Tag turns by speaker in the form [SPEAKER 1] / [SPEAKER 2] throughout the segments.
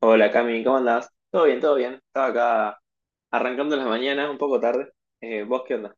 [SPEAKER 1] Hola Cami, ¿cómo andás? Todo bien, todo bien. Estaba acá arrancando las mañanas, un poco tarde. ¿Vos qué onda?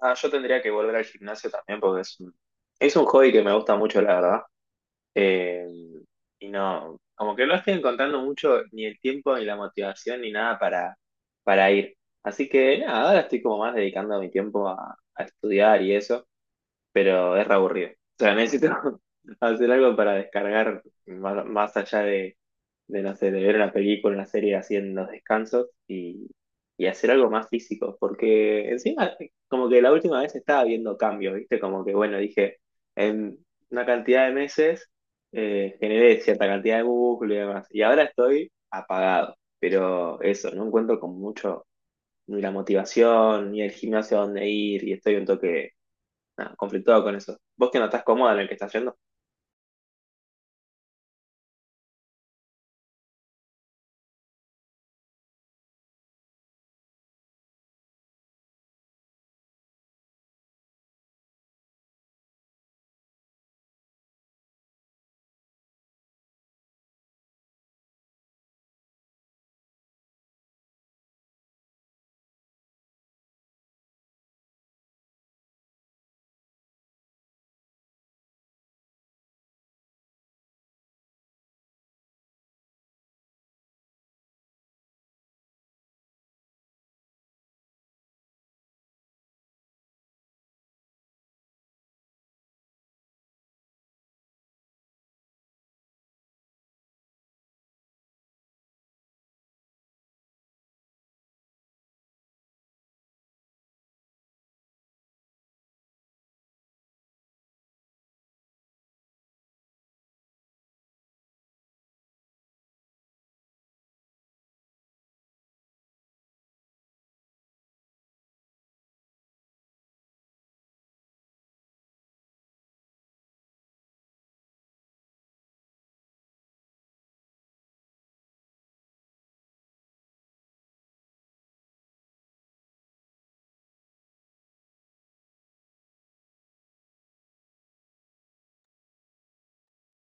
[SPEAKER 1] Ah, yo tendría que volver al gimnasio también porque es un hobby que me gusta mucho, la verdad. Eh, y no, como que no estoy encontrando mucho ni el tiempo ni la motivación ni nada para ir. Así que nada, ahora estoy como más dedicando mi tiempo a estudiar y eso, pero es re aburrido. O sea, necesito hacer algo para descargar más, más allá no sé, de ver una película, una serie haciendo descansos y hacer algo más físico, porque encima, como que la última vez estaba viendo cambios, ¿viste? Como que, bueno, dije, en una cantidad de meses generé cierta cantidad de músculo y demás, y ahora estoy apagado, pero eso, no encuentro con mucho ni la motivación, ni el gimnasio a dónde ir, y estoy un toque nada, conflictuado con eso. ¿Vos que no estás cómoda en el que estás yendo?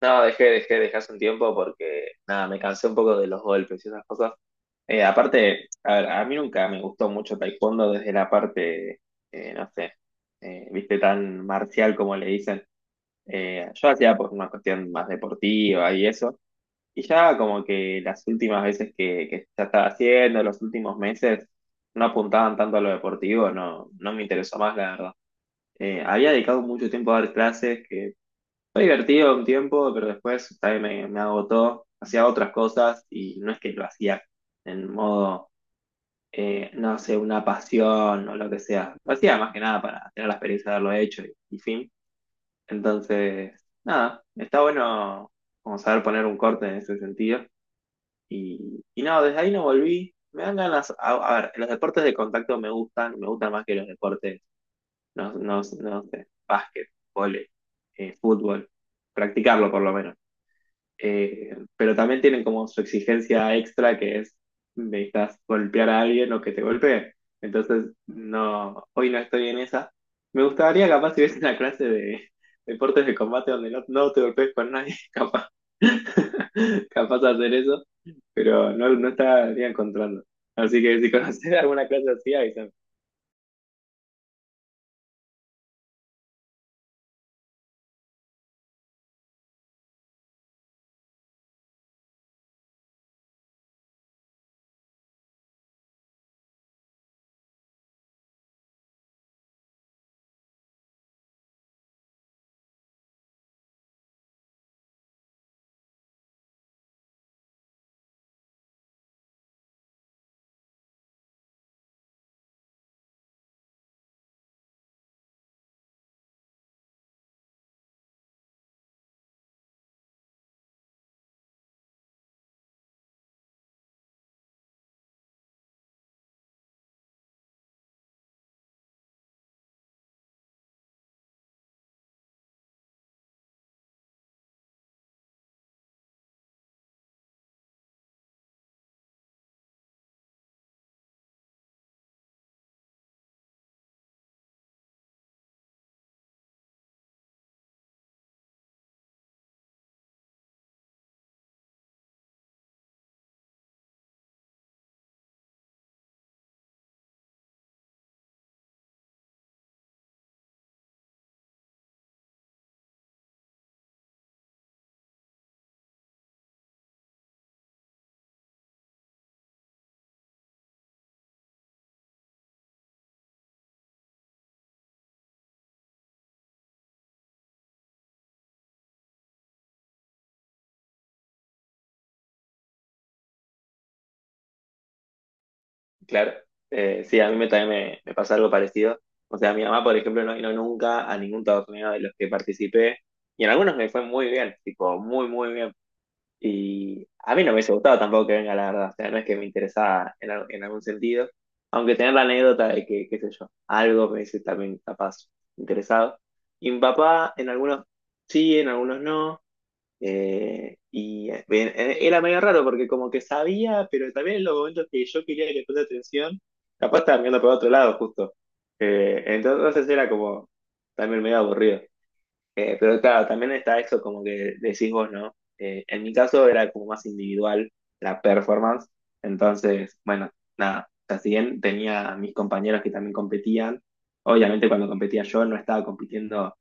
[SPEAKER 1] No, dejé hace un tiempo porque, nada, me cansé un poco de los golpes y esas cosas. Aparte, a ver, a mí nunca me gustó mucho taekwondo desde la parte, no sé, viste, tan marcial como le dicen. Yo hacía por una cuestión más deportiva y eso. Y ya como que las últimas veces que ya estaba haciendo, los últimos meses, no apuntaban tanto a lo deportivo, no me interesó más, la verdad. Había dedicado mucho tiempo a dar clases, que fue divertido un tiempo, pero después también me agotó. Hacía otras cosas y no es que lo hacía en modo, no sé, una pasión o lo que sea. Lo hacía más que nada para tener la experiencia de haberlo hecho y fin. Entonces, nada, está bueno como saber poner un corte en ese sentido. Y no, desde ahí no volví. Me dan ganas, a ver, los deportes de contacto me gustan más que los deportes, no sé, básquet, vóley, fútbol, practicarlo por lo menos. Pero también tienen como su exigencia extra que es necesitas golpear a alguien o que te golpee. Entonces, no, hoy no estoy en esa. Me gustaría capaz si hubiese una clase de deportes de combate donde no te golpees con nadie, capaz. Capaz de hacer eso, pero no, no estaría encontrando. Así que si conoces alguna clase así, ahí claro. Sí, también me pasa algo parecido. O sea, mi mamá, por ejemplo, no vino nunca a ningún torneo de los que participé y en algunos me fue muy bien, tipo, muy bien. Y a mí no me hubiese gustado tampoco que venga, la verdad. O sea, no es que me interesaba en algún sentido, aunque tener la anécdota de que, qué sé yo, algo me dice también capaz interesado. Y mi papá, en algunos sí, en algunos no. Bien, era medio raro porque como que sabía, pero también en los momentos que yo quería que le preste atención, capaz estaba mirando para otro lado justo. Entonces era como también medio aburrido. Pero claro, también está eso como que decís vos, ¿no? En mi caso era como más individual la performance. Entonces, bueno, nada, o sea, si bien tenía a mis compañeros que también competían, obviamente cuando competía yo no estaba compitiendo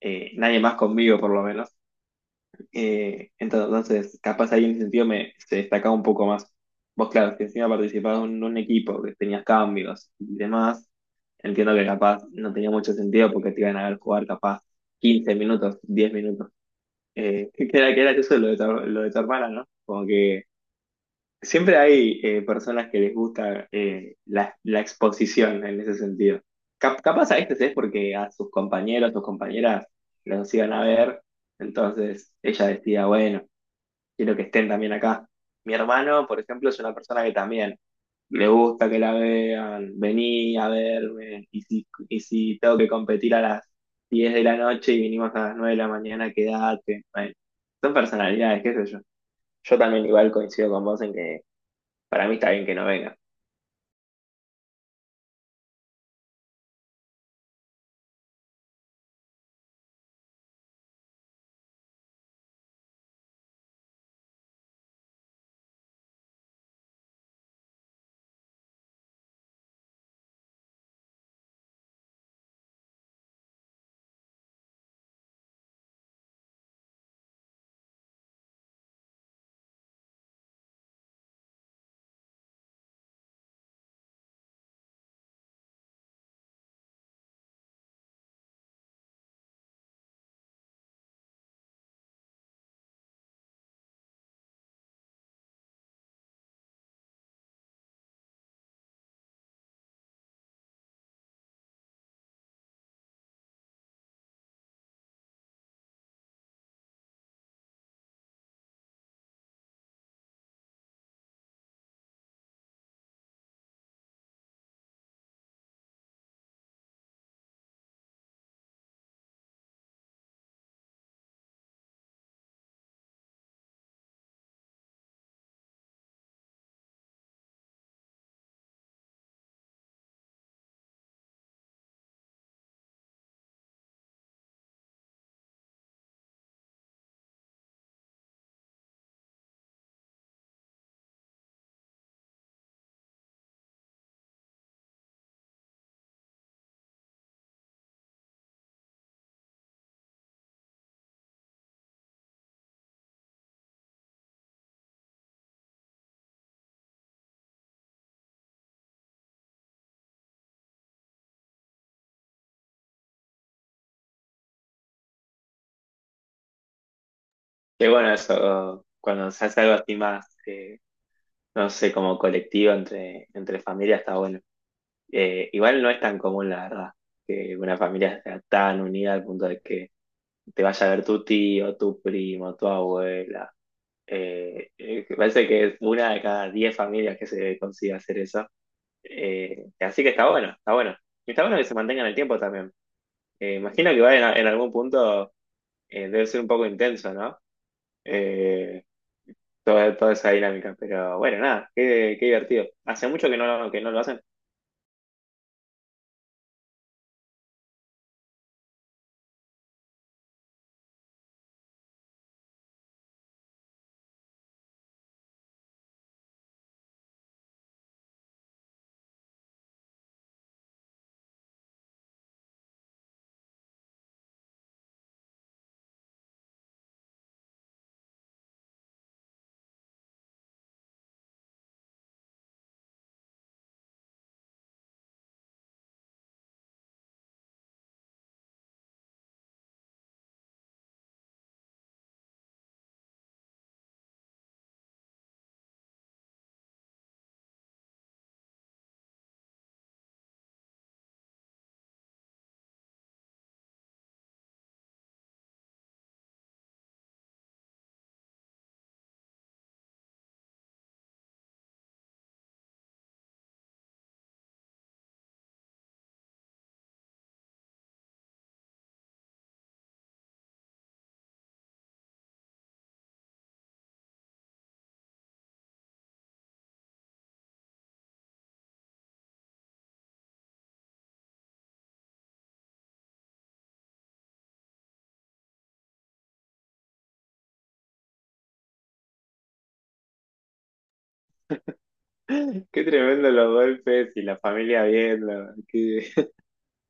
[SPEAKER 1] nadie más conmigo por lo menos. Entonces, capaz ahí en ese sentido me, se destacaba un poco más. Vos, claro, si encima participabas en un equipo que tenías cambios y demás, entiendo que capaz no tenía mucho sentido porque te iban a ver jugar capaz 15 minutos, 10 minutos. Que era eso lo de tu hermana, ¿no? Como que siempre hay personas que les gusta la exposición en ese sentido. Capaz a veces es porque a sus compañeros, sus compañeras los iban a ver, entonces ella decía, bueno, quiero que estén también acá. Mi hermano, por ejemplo, es una persona que también le gusta que la vean, vení a verme, y si tengo que competir a las 10 de la noche y vinimos a las 9 de la mañana, quedate. Bueno, son personalidades, qué sé yo. Yo también igual coincido con vos en que para mí está bien que no venga. Que bueno, eso, cuando se hace algo así más, no sé, como colectivo entre familias está bueno. Igual no es tan común, la verdad, que una familia sea tan unida al punto de que te vaya a ver tu tío, tu primo, tu abuela. Me parece que es una de cada 10 familias que se consigue hacer eso. Así que está bueno, está bueno. Y está bueno que se mantengan el tiempo también. Imagino que va en algún punto debe ser un poco intenso, ¿no? Eh, toda esa dinámica. Pero bueno, nada, qué divertido. Hace mucho que que no lo hacen. Qué tremendo los golpes y la familia viendo. Qué...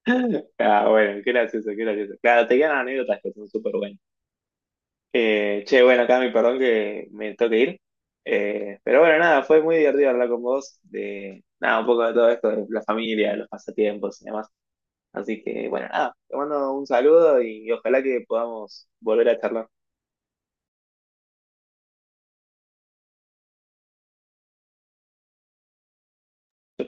[SPEAKER 1] Ah, bueno, qué gracioso, qué gracioso. Claro, te quedan anécdotas que son súper buenas. Che, bueno, Cami, perdón que me toque ir. Pero bueno, nada, fue muy divertido hablar con vos de, nada, un poco de todo esto, de la familia, de los pasatiempos y demás. Así que, bueno, nada, te mando un saludo y ojalá que podamos volver a charlar. Chau, chau.